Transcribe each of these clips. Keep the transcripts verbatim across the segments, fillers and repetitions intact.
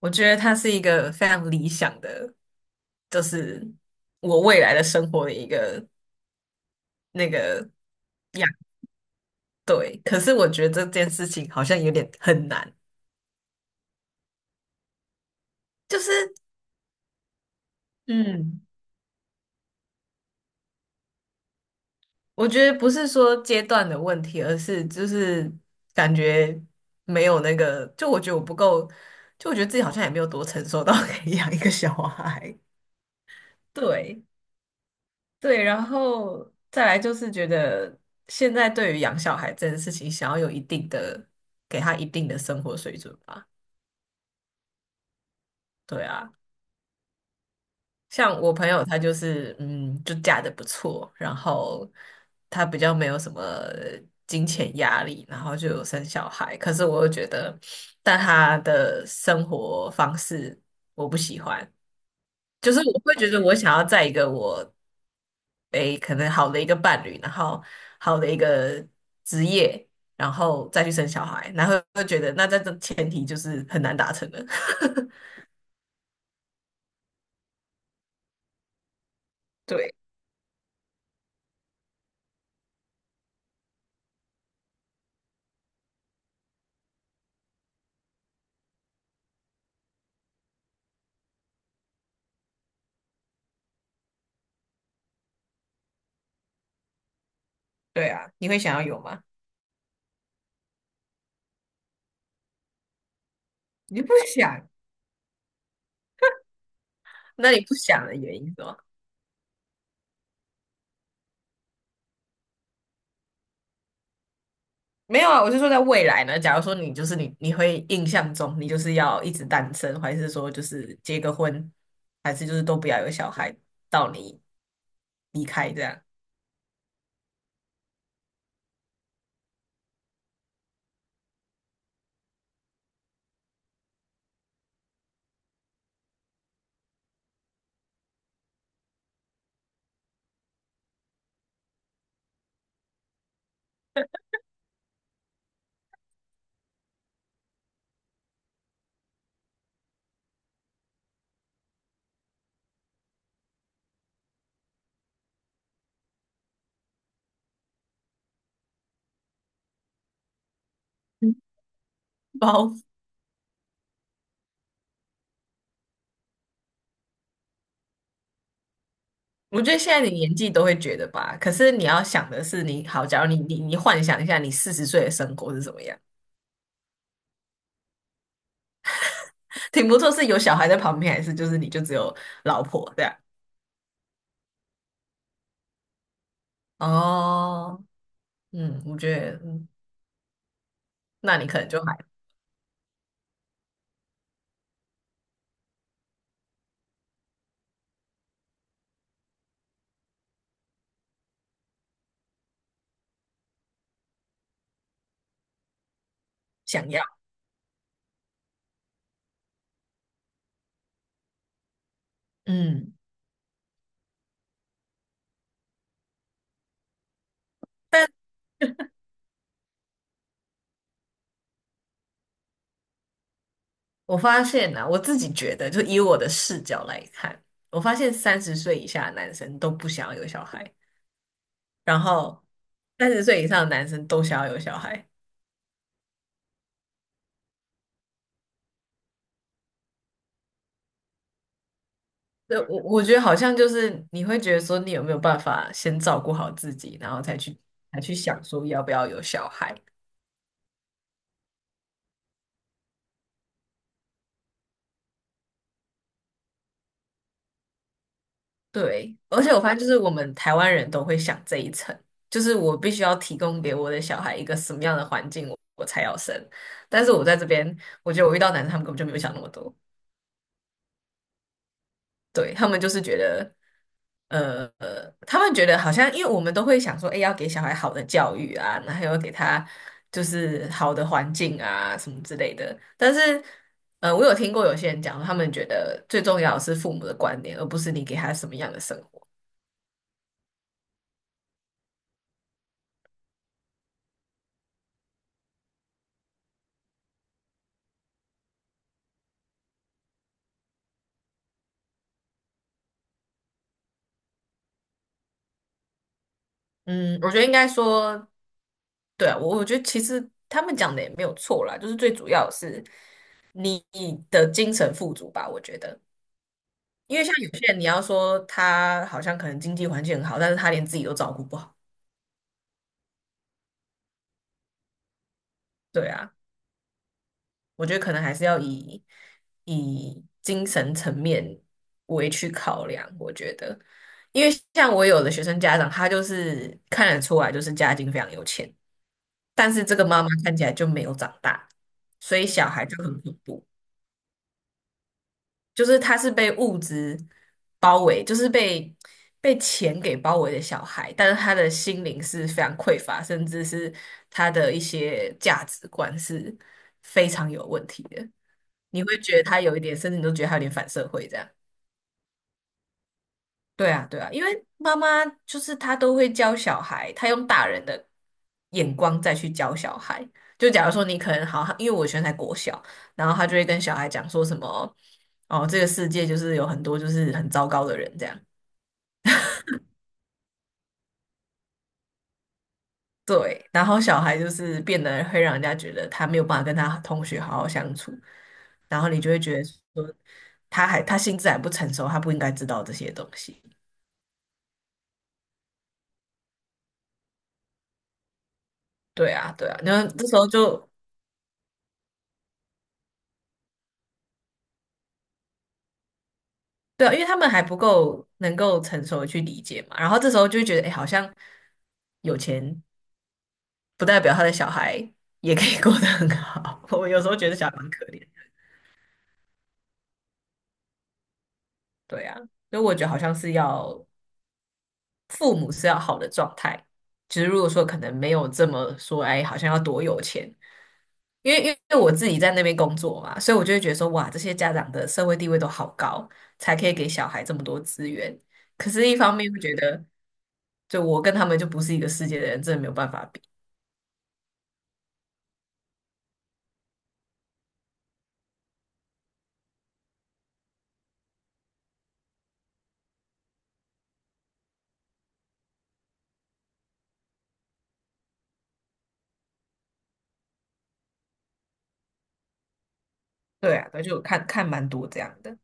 我觉得他是一个非常理想的，就是我未来的生活的一个那个样。对，可是我觉得这件事情好像有点很难，就是嗯，我觉得不是说阶段的问题，而是就是感觉没有那个，就我觉得我不够，就我觉得自己好像也没有多成熟到 可以养一个小孩。对，对，然后再来就是觉得现在对于养小孩这件事情，想要有一定的，给他一定的生活水准吧。对啊，像我朋友他就是，嗯，就嫁得不错，然后他比较没有什么金钱压力，然后就有生小孩。可是我又觉得，但他的生活方式我不喜欢，就是我会觉得我想要在一个我诶可能好的一个伴侣，然后好的一个职业，然后再去生小孩，然后会觉得那在这前提就是很难达成的。对对啊，你会想要有吗？你不想？那你不想的原因是吗？没有啊，我是说在未来呢。假如说你就是你，你会印象中你就是要一直单身，还是说就是结个婚，还是就是都不要有小孩，到你离开这样？包我觉得现在的年纪都会觉得吧，可是你要想的是你，好，假如你你你幻想一下，你四十岁的生活是怎么样？挺不错，是有小孩在旁边，还是就是你就只有老婆这样？哦，嗯，我觉得，嗯，那你可能就还想要，嗯，但我发现啊，我自己觉得，就以我的视角来看，我发现三十岁以下的男生都不想要有小孩，然后三十岁以上的男生都想要有小孩。对，我我觉得好像就是你会觉得说，你有没有办法先照顾好自己，然后才去才去想说要不要有小孩。对，而且我发现就是我们台湾人都会想这一层，就是我必须要提供给我的小孩一个什么样的环境，我我才要生。但是我在这边，我觉得我遇到男生，他们根本就没有想那么多。对，他们就是觉得，呃，呃他们觉得好像，因为我们都会想说，哎，要给小孩好的教育啊，然后要给他就是好的环境啊，什么之类的。但是，呃，我有听过有些人讲，他们觉得最重要的是父母的观念，而不是你给他什么样的生活。嗯，我觉得应该说，对啊，我我觉得其实他们讲的也没有错啦，就是最主要的是你的精神富足吧，我觉得。因为像有些人，你要说他好像可能经济环境很好，但是他连自己都照顾不好。对啊，我觉得可能还是要以以精神层面为去考量。我觉得，因为像我有的学生家长，他就是看得出来就是家境非常有钱，但是这个妈妈看起来就没有长大，所以小孩就很恐怖。就是他是被物质包围，就是被被钱给包围的小孩，但是他的心灵是非常匮乏，甚至是他的一些价值观是非常有问题的。你会觉得他有一点，甚至你都觉得他有点反社会这样。对啊，对啊，因为妈妈就是她都会教小孩，她用大人的眼光再去教小孩。就假如说你可能好，因为我以前在才国小，然后她就会跟小孩讲说什么，哦，这个世界就是有很多就是很糟糕的人这样。对，然后小孩就是变得会让人家觉得他没有办法跟他同学好好相处，然后你就会觉得说他还他心智还不成熟，他不应该知道这些东西。对啊，对啊，那后这时候就对啊，因为他们还不够能够成熟的去理解嘛，然后这时候就会觉得，哎，好像有钱不代表他的小孩也可以过得很好。我有时候觉得小孩蛮可怜的对啊，所以我觉得好像是要父母是要好的状态，就是如果说可能没有这么说，哎，好像要多有钱，因为因为我自己在那边工作嘛，所以我就会觉得说，哇，这些家长的社会地位都好高，才可以给小孩这么多资源。可是，一方面会觉得，就我跟他们就不是一个世界的人，真的没有办法比。对啊，对，就我看看蛮多这样的，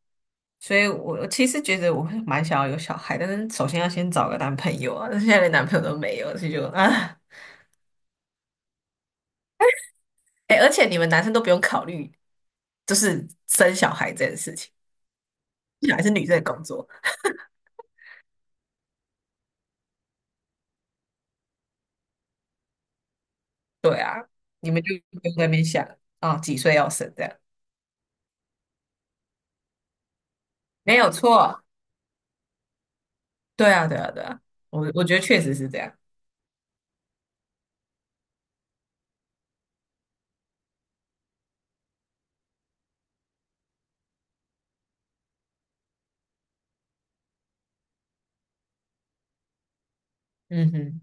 所以我其实觉得我会蛮想要有小孩，但是首先要先找个男朋友啊，但是现在连男朋友都没有，所以就啊。哎，而且你们男生都不用考虑，就是生小孩这件事情，小孩是女生的工作。对啊，你们就不用在那边想啊，几岁要生这样，没有错。对啊，对啊，对啊，我我觉得确实是这样。嗯哼，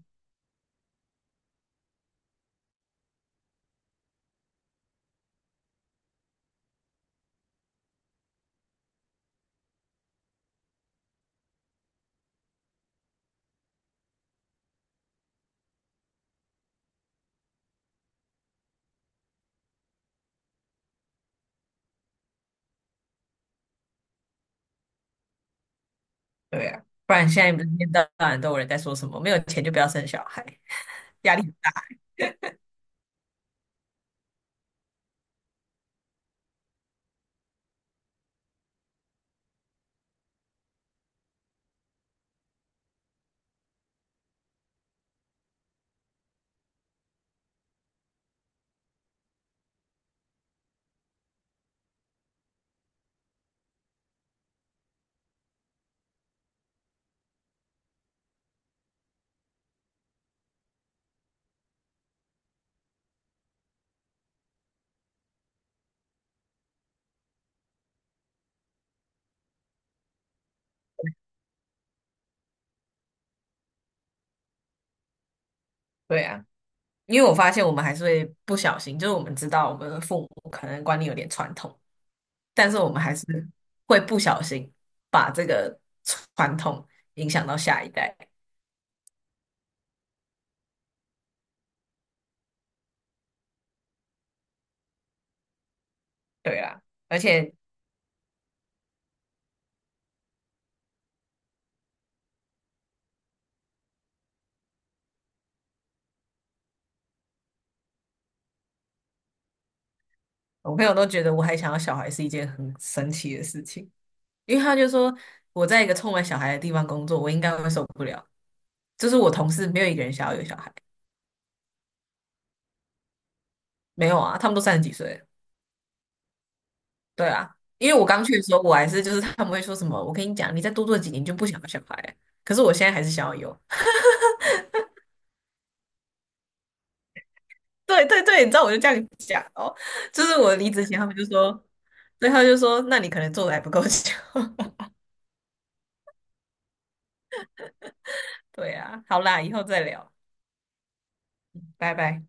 对啊，不然现在不是一天到晚都有人在说什么没有钱就不要生小孩，压力很对啊，因为我发现我们还是会不小心，就是我们知道我们的父母可能观念有点传统，但是我们还是会不小心把这个传统影响到下一代。对啦，而且我朋友都觉得我还想要小孩是一件很神奇的事情，因为他就说我在一个充满小孩的地方工作，我应该会受不了。就是我同事没有一个人想要有小孩，没有啊，他们都三十几岁了对啊，因为我刚去的时候，我还是就是他们会说什么，我跟你讲，你再多做几年就不想要小孩了，可是我现在还是想要有。对对对，你知道我就这样讲哦，就是我离职前他们就说，对，他们就说，那你可能做的还不够久。对啊，好啦，以后再聊，拜拜。